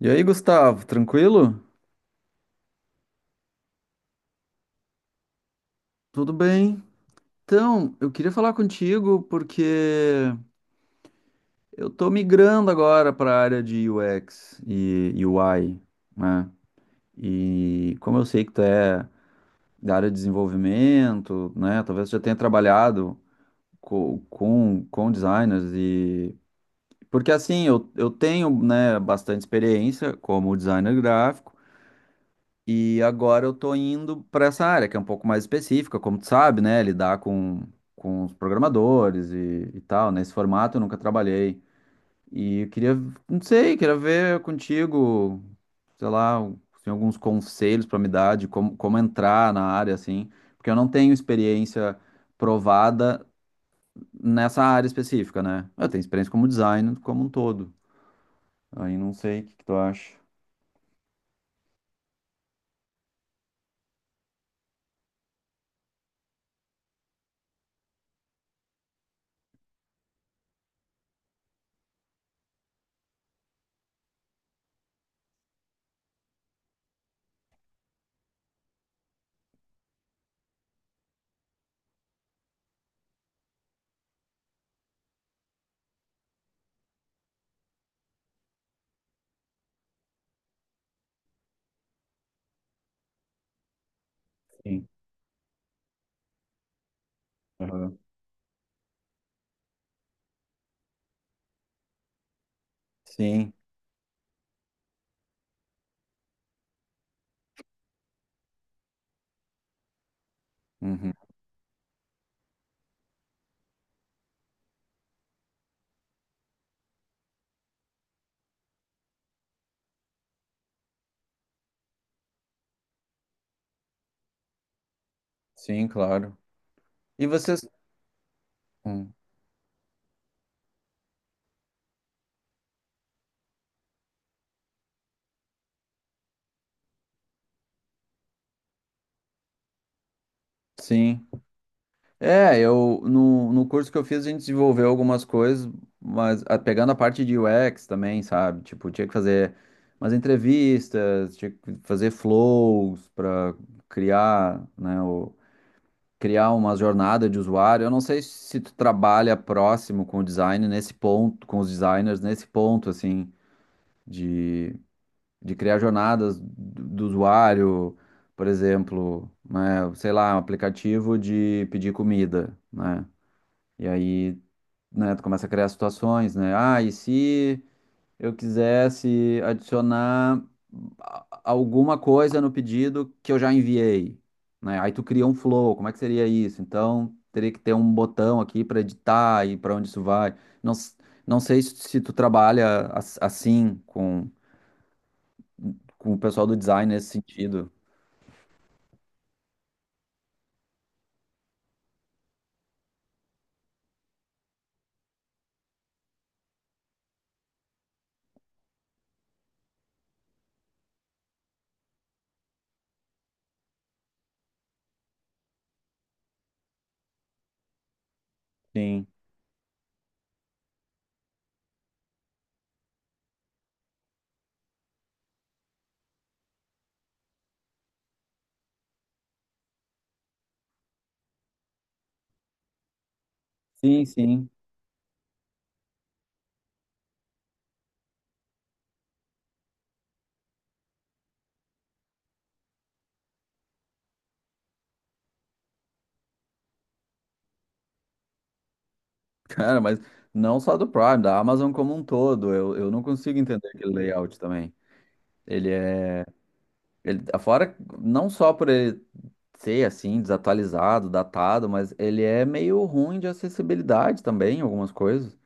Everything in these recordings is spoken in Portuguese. E aí, Gustavo, tranquilo? Tudo bem? Então, eu queria falar contigo porque eu tô migrando agora para a área de UX e UI, né? E como eu sei que tu é da área de desenvolvimento, né? Talvez tu já tenha trabalhado com designers e... Porque assim, eu tenho, né, bastante experiência como designer gráfico. E agora eu tô indo para essa área, que é um pouco mais específica, como tu sabe, né? Lidar com os programadores e tal. Nesse formato eu nunca trabalhei. E eu queria, não sei, queria ver contigo, sei lá, tem alguns conselhos para me dar de como entrar na área, assim. Porque eu não tenho experiência provada nessa área específica, né? Eu tenho experiência como designer como um todo. Aí não sei o que, que tu acha. Sim. Aham. Sim, uhum. Sim, claro. E vocês. Hum. Sim. É, eu no curso que eu fiz a gente desenvolveu algumas coisas, mas pegando a parte de UX também, sabe? Tipo, tinha que fazer umas entrevistas, tinha que fazer flows para criar, né, criar uma jornada de usuário. Eu não sei se tu trabalha próximo com o design nesse ponto, com os designers nesse ponto assim de de criar jornadas do usuário, por exemplo, né, sei lá, um aplicativo de pedir comida, né? E aí, né, tu começa a criar situações, né? Ah, e se eu quisesse adicionar alguma coisa no pedido que eu já enviei, né? Aí tu cria um flow, como é que seria isso? Então, teria que ter um botão aqui para editar e para onde isso vai. Não, não sei se tu trabalha assim com o pessoal do design nesse sentido. Sim, sim, sim. Cara, mas não só do Prime, da Amazon como um todo. Eu não consigo entender aquele layout também. Ele é. Ele, fora, não só por ele ser assim, desatualizado, datado, mas ele é meio ruim de acessibilidade também, algumas coisas.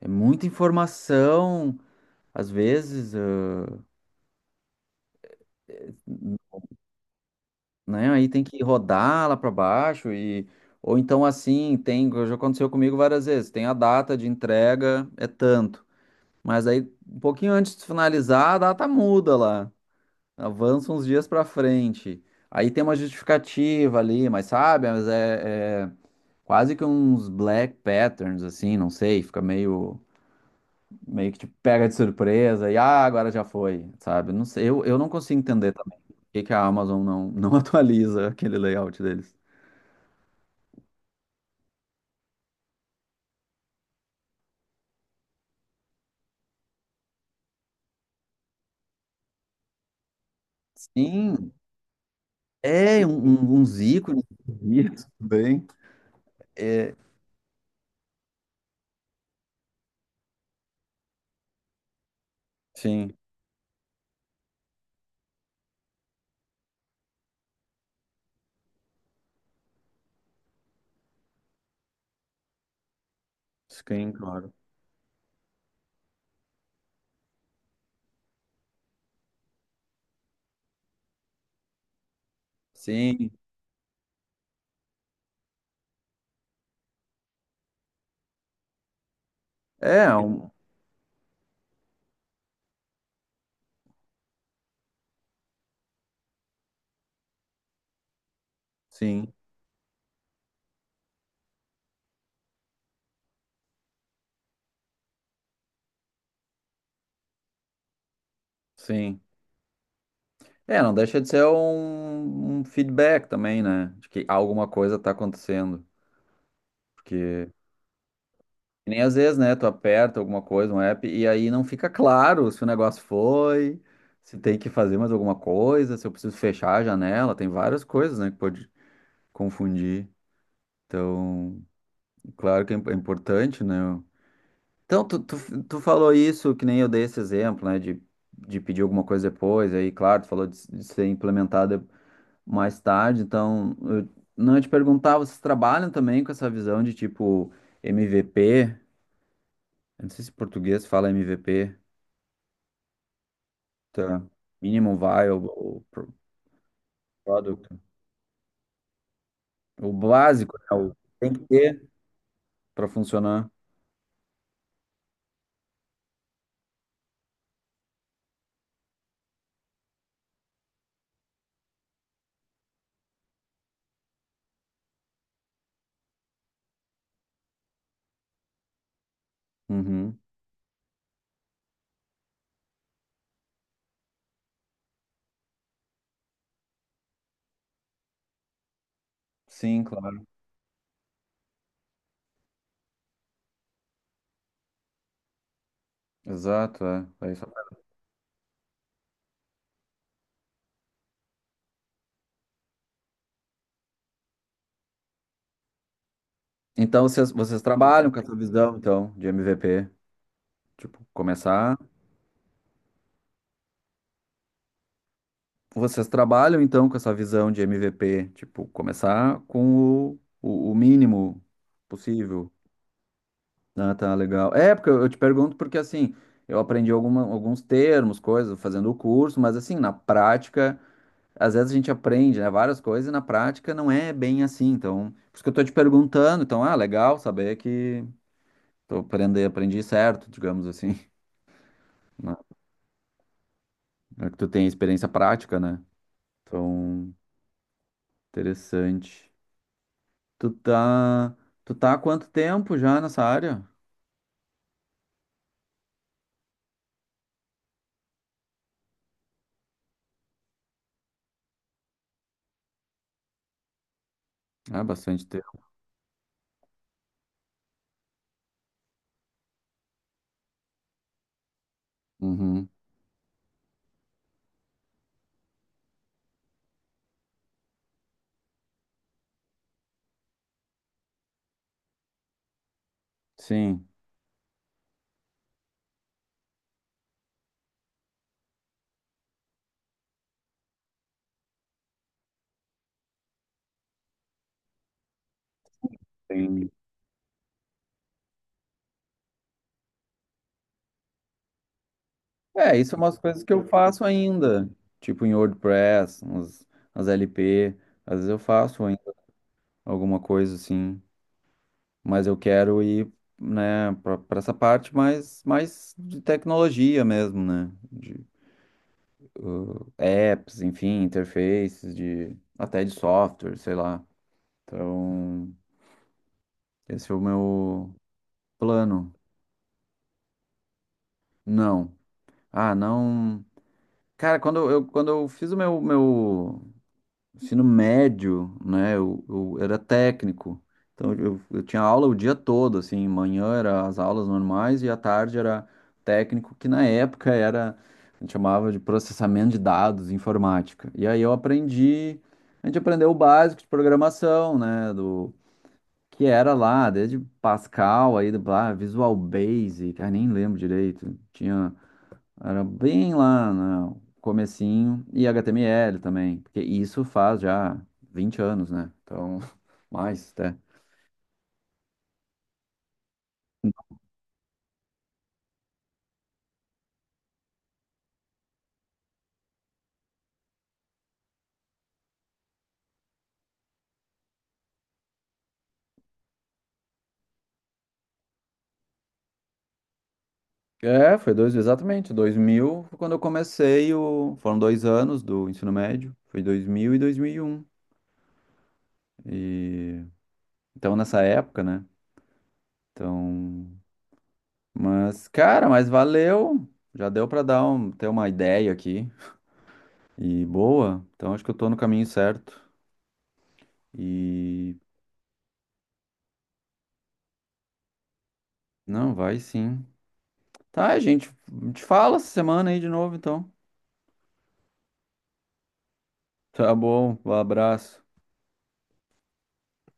É muita informação, às vezes, né? Aí tem que rodar lá para baixo e. Ou então assim, tem, já aconteceu comigo várias vezes, tem a data de entrega, é tanto. Mas aí, um pouquinho antes de finalizar, a data muda lá. Avança uns dias pra frente. Aí tem uma justificativa ali, mas sabe? Mas é quase que uns black patterns, assim, não sei. Fica meio que te pega de surpresa e agora já foi, sabe? Não sei, eu não consigo entender também por que que a Amazon não, não atualiza aquele layout deles. Sim, é uns ícones bonitos também. É, sim, sim, claro. Sim. É, Sim, sim. É, não deixa de ser um feedback também, né? De que alguma coisa tá acontecendo. Porque que nem às vezes, né? Tu aperta alguma coisa, um app, e aí não fica claro se o negócio foi, se tem que fazer mais alguma coisa, se eu preciso fechar a janela. Tem várias coisas, né? Que pode confundir. Então, claro que é é importante, né? Então, tu falou isso, que nem eu dei esse exemplo, né? De pedir alguma coisa depois, aí, claro, tu falou de ser implementado mais tarde. Então, eu não eu te perguntar, vocês trabalham também com essa visão de tipo MVP? Eu não sei se em português fala MVP, tá? Minimum Viable ou Product. O básico, né? O que tem que ter para funcionar. Uhum. Sim, claro. Exato, é. É isso. Então, vocês trabalham com essa visão, então, de MVP? Tipo, começar. Vocês trabalham, então, com essa visão de MVP? Tipo, começar com o mínimo possível. Ah, tá, legal. É, porque eu te pergunto porque, assim, eu aprendi alguns termos, coisas, fazendo o curso, mas, assim, na prática, às vezes a gente aprende, né, várias coisas e na prática não é bem assim. Então, por isso que eu tô te perguntando. Então, legal saber que tô aprendendo, aprendi certo, digamos assim. né? É que tu tem experiência prática, né? Então, interessante. Tu tá, tu tá há quanto tempo já nessa área? Ah, bastante tempo. Uhum. Sim. Tem É, isso é umas coisas que eu faço ainda, tipo em WordPress, as LP, às vezes eu faço ainda alguma coisa assim, mas eu quero ir, né, para essa parte mais de tecnologia mesmo, né, de apps, enfim, interfaces, até de software, sei lá. Então, esse é o meu plano. Não. Ah, não. Cara, quando eu fiz o meu ensino médio, né? Eu era técnico, então eu tinha aula o dia todo, assim, manhã era as aulas normais e à tarde era técnico, que na época era, a gente chamava de processamento de dados, informática. E aí eu aprendi, a gente aprendeu o básico de programação, né? Do que era lá, desde Pascal aí, lá, Visual Basic, nem lembro direito, tinha era bem lá no comecinho. E HTML também, porque isso faz já 20 anos, né? Então, mais até. É, foi dois, exatamente. 2000 foi quando eu comecei o. Foram 2 anos do ensino médio. Foi 2000 e 2001. E, um. E então, nessa época, né? Então. Mas, cara, mas valeu. Já deu pra dar um, ter uma ideia aqui. E boa. Então, acho que eu tô no caminho certo. E. Não, vai sim. Tá, gente, te fala essa semana aí de novo, então. Tá bom, um abraço.